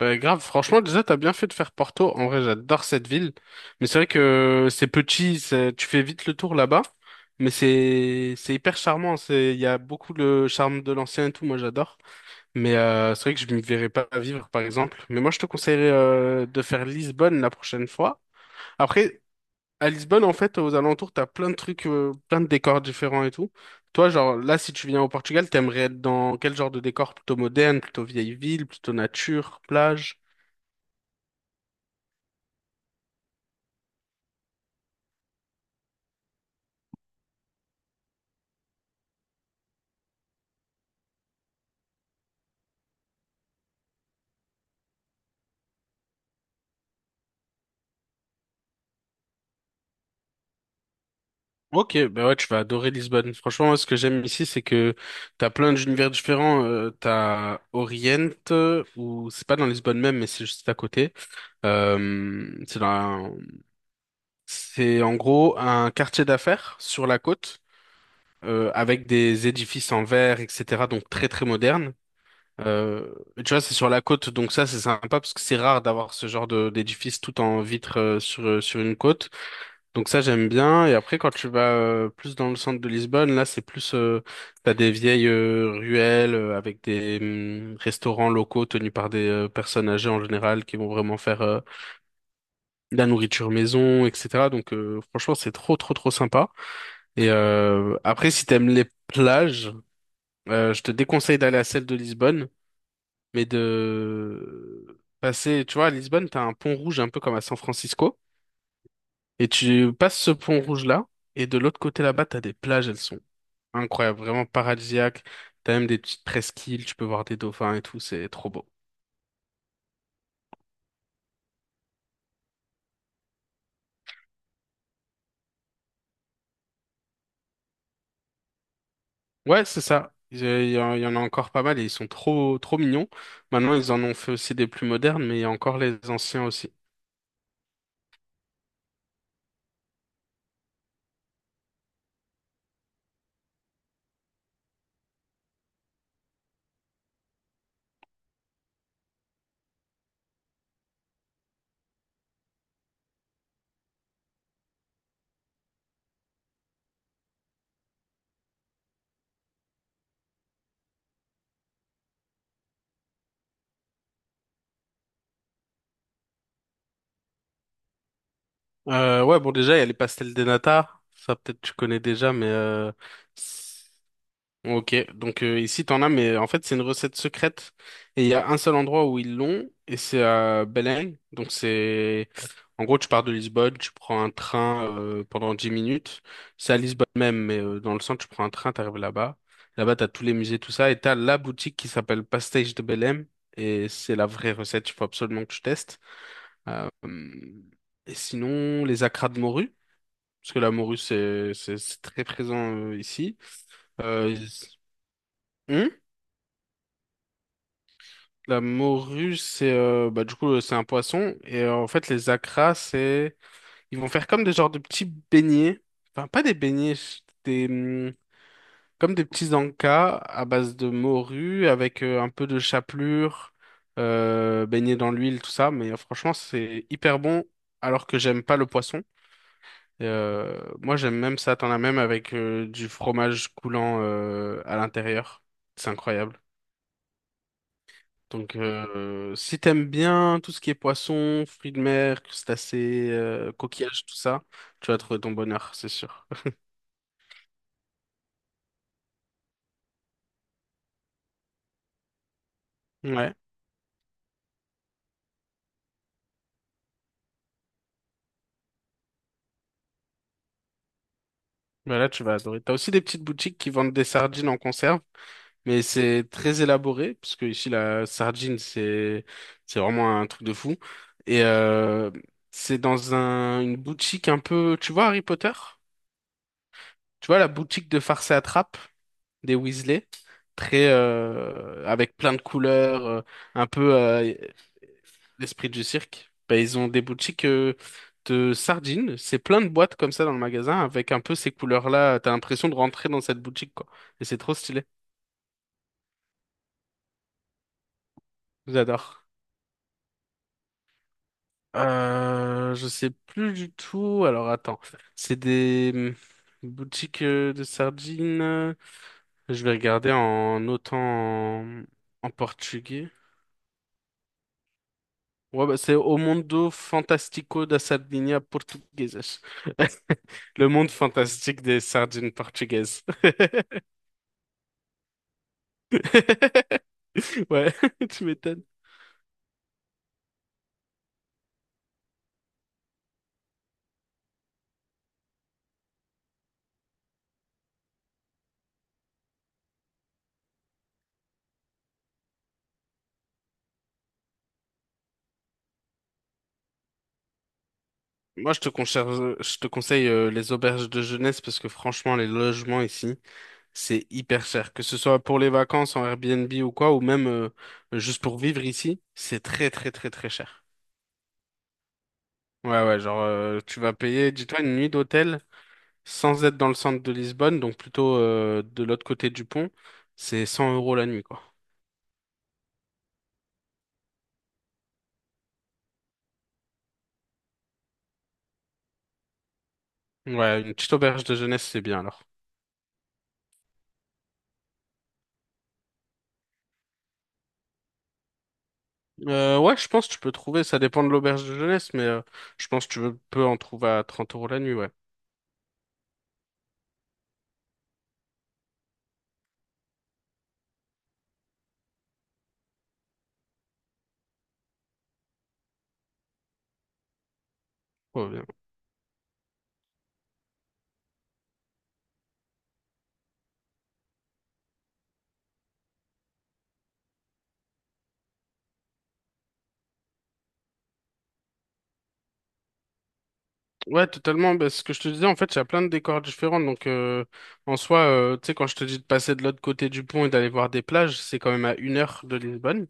Ouais, grave, franchement, déjà, t'as bien fait de faire Porto. En vrai, j'adore cette ville. Mais c'est vrai que c'est petit, tu fais vite le tour là-bas. Mais c'est hyper charmant. C'est il y a beaucoup le charme de l'ancien et tout. Moi, j'adore. Mais c'est vrai que je ne me verrais pas vivre, par exemple. Mais moi, je te conseillerais de faire Lisbonne la prochaine fois. Après, à Lisbonne, en fait, aux alentours, t'as plein de trucs, plein de décors différents et tout. Toi, genre là, si tu viens au Portugal, t'aimerais être dans quel genre de décor? Plutôt moderne, plutôt vieille ville, plutôt nature, plage? Ok, bah ouais, tu vas adorer Lisbonne. Franchement, moi, ce que j'aime ici, c'est que t'as plein d'univers différents. T'as Orient, ou c'est pas dans Lisbonne même, mais c'est juste à côté. Euh, c'est dans un- c'est en gros un quartier d'affaires sur la côte, avec des édifices en verre, etc. Donc très très moderne. Euh, Tu vois, c'est sur la côte, donc ça c'est sympa parce que c'est rare d'avoir ce genre de d'édifice tout en vitre sur sur une côte. Donc ça j'aime bien et après quand tu vas plus dans le centre de Lisbonne là c'est plus t'as des vieilles ruelles avec des restaurants locaux tenus par des personnes âgées en général qui vont vraiment faire de la nourriture maison etc donc franchement c'est trop trop trop sympa et après si t'aimes les plages je te déconseille d'aller à celle de Lisbonne mais de passer tu vois à Lisbonne t'as un pont rouge un peu comme à San Francisco et tu passes ce pont rouge là et de l'autre côté là-bas, t'as des plages, elles sont incroyable, vraiment paradisiaque. T'as même des petites presqu'îles, tu peux voir des dauphins et tout, c'est trop beau. Ouais, c'est ça. Il y en a encore pas mal et ils sont trop, trop mignons. Maintenant, ils en ont fait aussi des plus modernes, mais il y a encore les anciens aussi. Ouais, bon, déjà, il y a les pastels des nata. Ça, peut-être, tu connais déjà, mais ok, donc ici t'en as, mais en fait c'est une recette secrète et il y a un seul endroit où ils l'ont et c'est à Belém. Donc c'est, en gros tu pars de Lisbonne, tu prends un train pendant 10 minutes. C'est à Lisbonne même, mais dans le centre tu prends un train, t'arrives là-bas. Là-bas t'as tous les musées, tout ça et t'as la boutique qui s'appelle Pastéis de Belém et c'est la vraie recette. Il faut absolument que tu testes. Hum, Et sinon les acras de morue, parce que la morue c'est très présent ici. Euh, La morue, c'est c'est un poisson. Et en fait, les acras, c'est. Ils vont faire comme des genres de petits beignets. Enfin, pas des beignets, ch- des. Comme des petits ancas à base de morue, avec un peu de chapelure, baignés dans l'huile, tout ça. Mais franchement, c'est hyper bon, alors que j'aime pas le poisson. Et moi, j'aime même ça. T'en as même avec du fromage coulant à l'intérieur. C'est incroyable. Donc, si t'aimes bien tout ce qui est poisson, fruits de mer, crustacés, coquillages, tout ça, tu vas trouver ton bonheur, c'est sûr. Ouais, bah là, tu vas adorer. T'as aussi des petites boutiques qui vendent des sardines en conserve, mais c'est très élaboré, parce que ici, la sardine, c'est vraiment un truc de fou. Et euh, c'est dans une boutique un peu... Tu vois Harry Potter? Tu vois la boutique de farce et attrape? Des Weasley, très avec plein de couleurs, un peu l'esprit du cirque. Ben, ils ont des boutiques de sardines, c'est plein de boîtes comme ça dans le magasin avec un peu ces couleurs-là. T'as l'impression de rentrer dans cette boutique quoi, et c'est trop stylé. J'adore. Je sais plus du tout. Alors attends, c'est des boutiques de sardines. Je vais regarder en notant en, en portugais. Ouais, bah, c'est O Mundo Fantástico da Sardinha Portuguesas. Le monde fantastique des sardines portugaises. Ouais, tu m'étonnes. Moi, je te conseille les auberges de jeunesse parce que franchement, les logements ici, c'est hyper cher. Que ce soit pour les vacances en Airbnb ou quoi, ou même juste pour vivre ici, c'est très, très, très, très cher. Ouais, ouais, genre, tu vas payer, dis-toi, une nuit d'hôtel sans être dans le centre de Lisbonne, donc plutôt de l'autre côté du pont, c'est 100 € la nuit, quoi. Ouais, une petite auberge de jeunesse, c'est bien alors. Ouais, je pense que tu peux trouver, ça dépend de l'auberge de jeunesse, mais je pense que peux en trouver à 30 € la nuit, ouais. Ouais, bien. Ouais, totalement. Bah, ce que je te disais, en fait, il y a plein de décors différents. Donc, en soi, tu sais, quand je te dis de passer de l'autre côté du pont et d'aller voir des plages, c'est quand même à 1 heure de Lisbonne.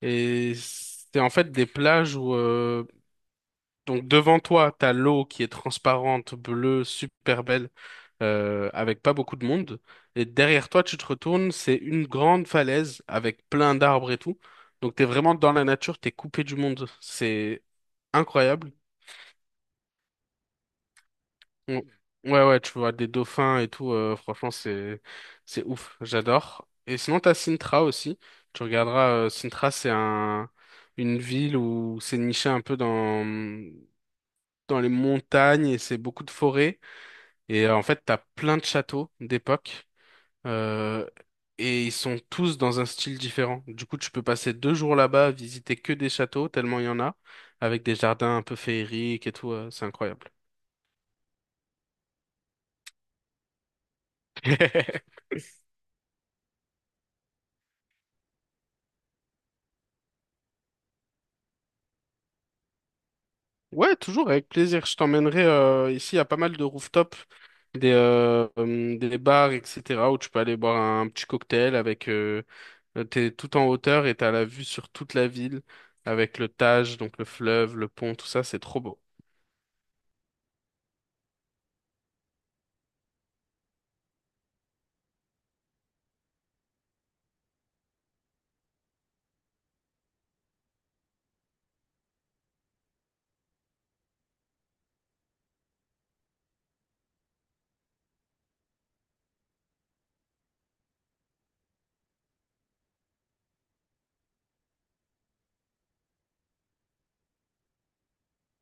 Et c'est en fait des plages où donc devant toi, t'as l'eau qui est transparente, bleue, super belle, avec pas beaucoup de monde. Et derrière toi, tu te retournes, c'est une grande falaise avec plein d'arbres et tout. Donc t'es vraiment dans la nature, t'es coupé du monde. C'est incroyable. On- Ouais, ouais, tu vois des dauphins et tout. Franchement, c'est ouf. J'adore. Et sinon, t'as Sintra aussi. Tu regarderas. Sintra, c'est un une ville où c'est niché un peu dans les montagnes et c'est beaucoup de forêts. En fait, t'as plein de châteaux d'époque euh, et ils sont tous dans un style différent. Du coup, tu peux passer 2 jours là-bas à visiter que des châteaux, tellement il y en a, avec des jardins un peu féeriques et tout. C'est incroyable. Ouais, toujours avec plaisir. Je t'emmènerai ici à pas mal de rooftops, des bars, etc., où tu peux aller boire un petit cocktail avec. T'es tout en hauteur et t'as la vue sur toute la ville avec le Tage, donc le fleuve, le pont, tout ça. C'est trop beau.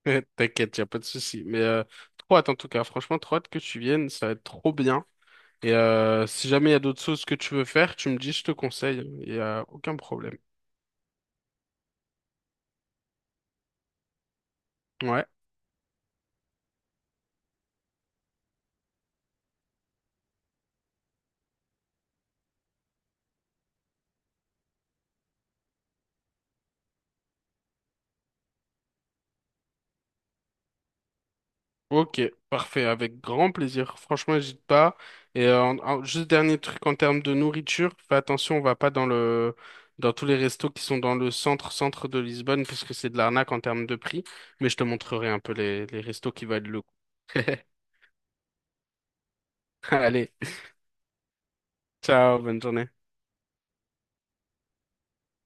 T'inquiète, y a pas de souci. Trop hâte en tout cas. Franchement, trop hâte que tu viennes, ça va être trop bien. Et si jamais il y a d'autres choses que tu veux faire, tu me dis, je te conseille. Il y a aucun problème. Ouais. Ok, parfait, avec grand plaisir. Franchement, n'hésite pas. En- juste dernier truc en termes de nourriture, fais attention, on va pas dans le dans tous les restos qui sont dans le centre de Lisbonne parce que c'est de l'arnaque en termes de prix. Mais je te montrerai un peu les restos qui valent le coup. Allez, ciao, bonne journée.